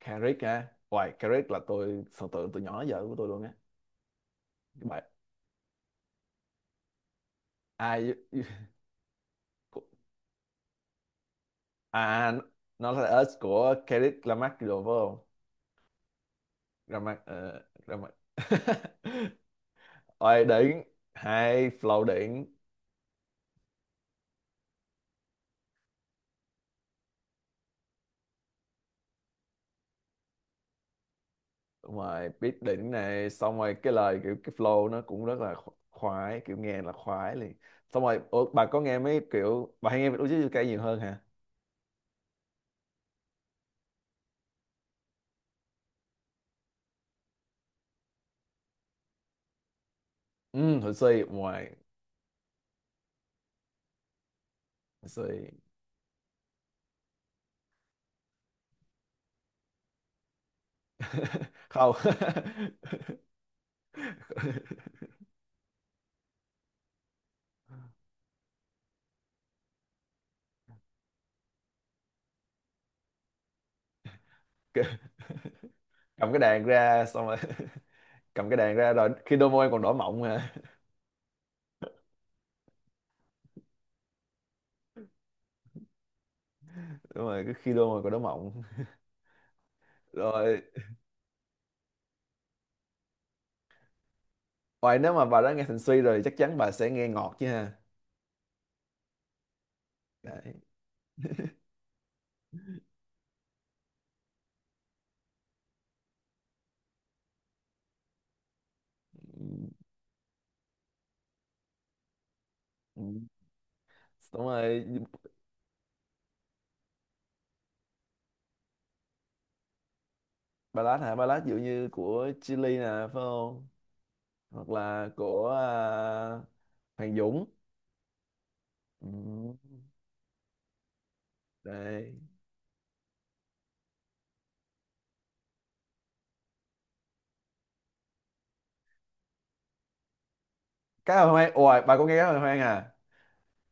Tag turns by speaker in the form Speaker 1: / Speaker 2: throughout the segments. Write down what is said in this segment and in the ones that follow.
Speaker 1: Carrick á. Hoài Carrick là tôi thần tượng từ nhỏ đến giờ của tôi luôn á. Cái bài ai, à nó là Us của Carrick Lamarck đồ phải không? Lamarck Lamarck. Hoài đỉnh, hay flow đỉnh. Ngoài beat đỉnh này xong rồi cái lời kiểu cái flow nó cũng rất là khoái, kiểu nghe là khoái liền. Xong rồi ủa, bà có nghe mấy kiểu, bà hay nghe Việt UK nhiều hơn hả? Ừ, Huỳnh Suy. Ngoài Huỳnh Suy. Không. Cầm cái đàn ra xong rồi. Cầm cái đàn ra rồi khi đôi môi còn đỏ mọng hả? Đúng rồi, cứ khi đôi môi còn đỏ mọng rồi. Ngoài, nếu mà bà đã nghe Thành Suy rồi thì chắc chắn bà sẽ nghe Ngọt chứ ha. Đấy. Ừ. Ừ. Đúng rồi. Ballad hả? Ballad ví dụ như của Chillies nè phải không? Hoặc là của à, Hoàng Dũng. Ừ. Đấy. Cá hồi hoang, ôi bà có nghe cá hồi hoang à?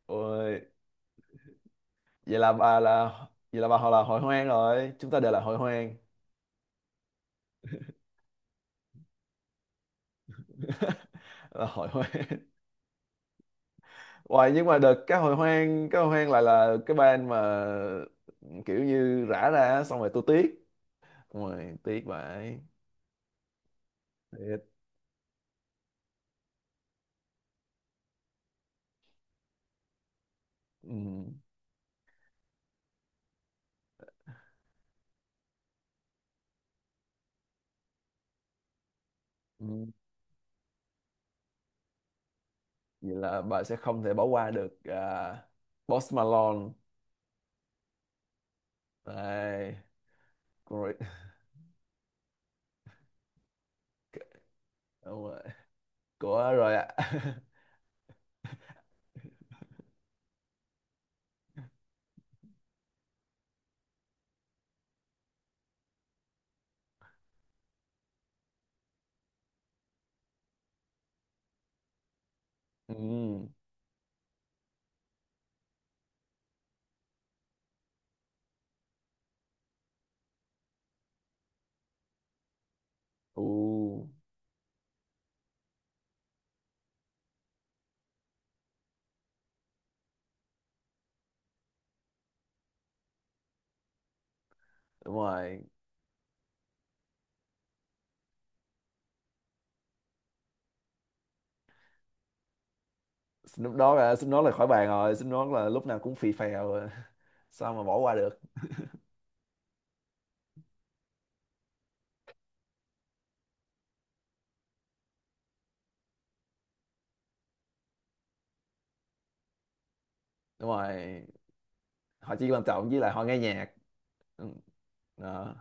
Speaker 1: Ôi vậy là bà là, vậy là bà họ là hội hoang rồi, chúng ta đều là hội hoang. Là hội hoang. Hoài nhưng mà đợt cái hội hoang, cái hội hoang lại là cái band mà kiểu như rã ra, xong rồi tôi tiếc. Ngoài tiếc vậy, thiệt. Ừ. Ừ. Vậy là bà sẽ không thể bỏ qua được à, Post Malone. Đây. Rồi. Đúng rồi. Của rồi ạ. Ừ. Ừ. Đúng rồi. Snoop Dogg à, Snoop Dogg là khỏi bàn rồi, Snoop Dogg là lúc nào cũng phì phèo à. Sao mà bỏ qua được. Đúng rồi, họ chỉ quan trọng với lại họ nghe nhạc. Ừ, đó.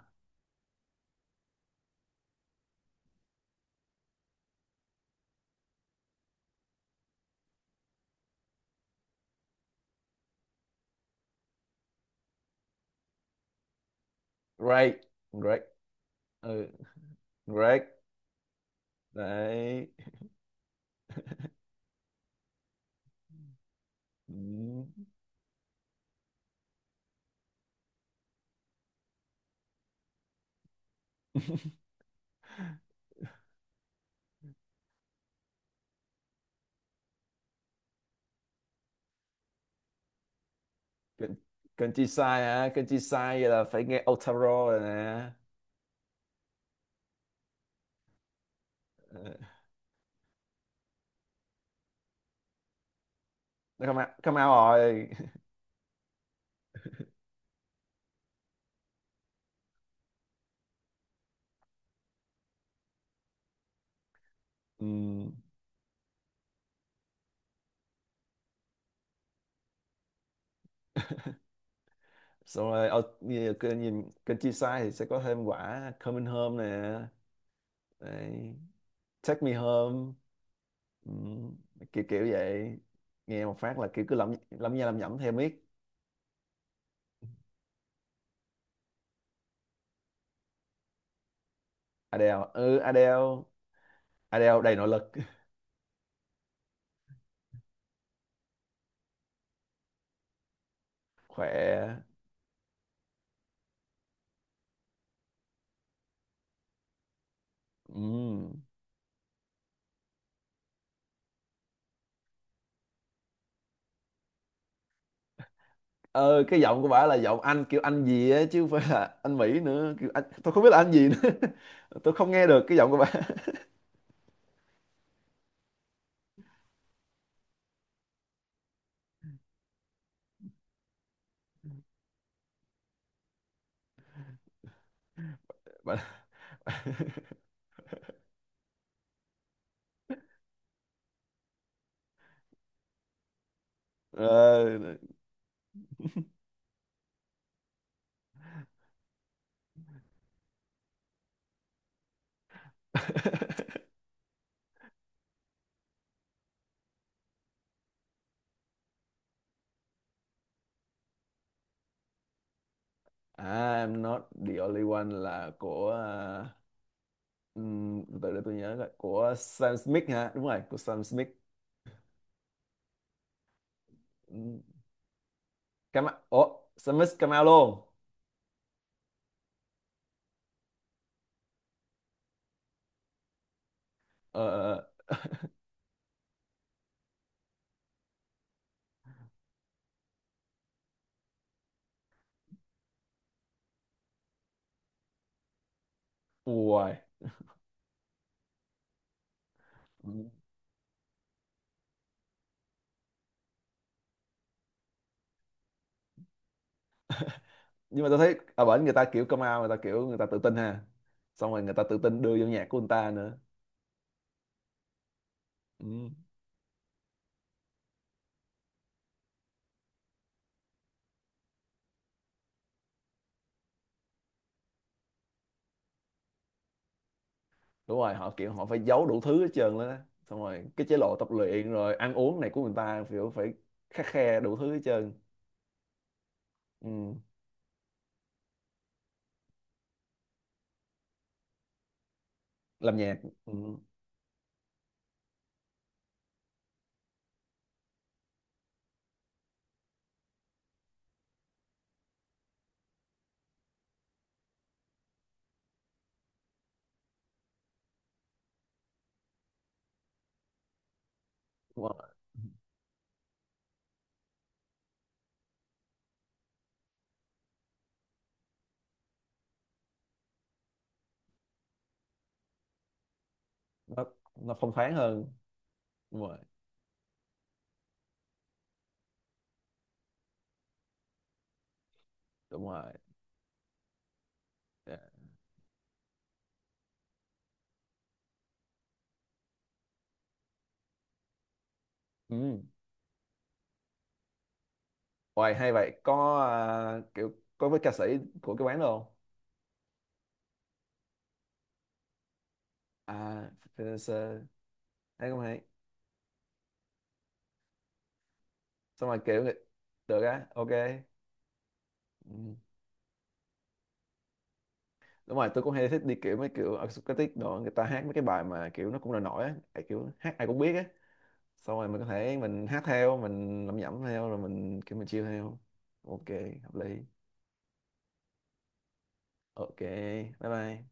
Speaker 1: Drake. Drake. Ừ, Drake. Đấy. Ừ. Cần, cần chi sai hả, cần chi sai vậy là phải nghe Otaro rồi nè. Ừ. Nó come out rồi. Ừ. Xong rồi nhìn cần, cần chi sai thì sẽ có thêm quả Coming Home nè. Đấy. Take Me Home. Ừ, kiểu kiểu vậy. Nghe một phát là kiểu cứ lẩm lẩm nha, lẩm nhẩm theo miết. Adele, ừ Adele. Adele đầy nội lực. Khỏe. Ừ. Ờ cái giọng của bả là giọng Anh, kiểu Anh gì á chứ không phải là Anh Mỹ nữa, kiểu Anh tôi không biết là Anh gì nữa. Tôi không nghe được cái giọng của bả. Bả- Ờ, à I'm Not the Only One là của à, từ từ để tôi nhớ coi, của Sam Smith hả? Đúng rồi, của Sam Smith. Ừ. Cam, ủa Smith camel luôn. Ờ ờ ờ. Ui. Nhưng mà tôi thấy ở bển người ta kiểu camel, người ta kiểu người ta tự tin ha. Xong rồi người ta tự tin đưa vô nhạc của người ta nữa. Ừ. Đúng rồi họ kiểu họ phải giấu đủ thứ hết trơn lên á. Xong rồi cái chế độ tập luyện rồi ăn uống này của người ta kiểu phải khắt khe đủ thứ hết trơn. Ừ. Làm nhạc. Ừ. Đúng rồi. nó nó phong thoáng hơn. Đúng rồi, đúng rồi. Yeah. Ừ. Hoài hay vậy, có à, kiểu có với ca sĩ của cái quán đâu? À freelancer, thấy cũng hay. Xong rồi kiểu người... được á, ok. Ừ. Đúng rồi tôi cũng hay thích đi kiểu mấy kiểu acoustic đồ, người ta hát mấy cái bài mà kiểu nó cũng là nổi á. Tại kiểu hát ai cũng biết á, xong rồi mình có thể mình hát theo, mình lẩm nhẩm theo, rồi mình kiểu mình chill theo. Ok, hợp lý. Ok, bye bye.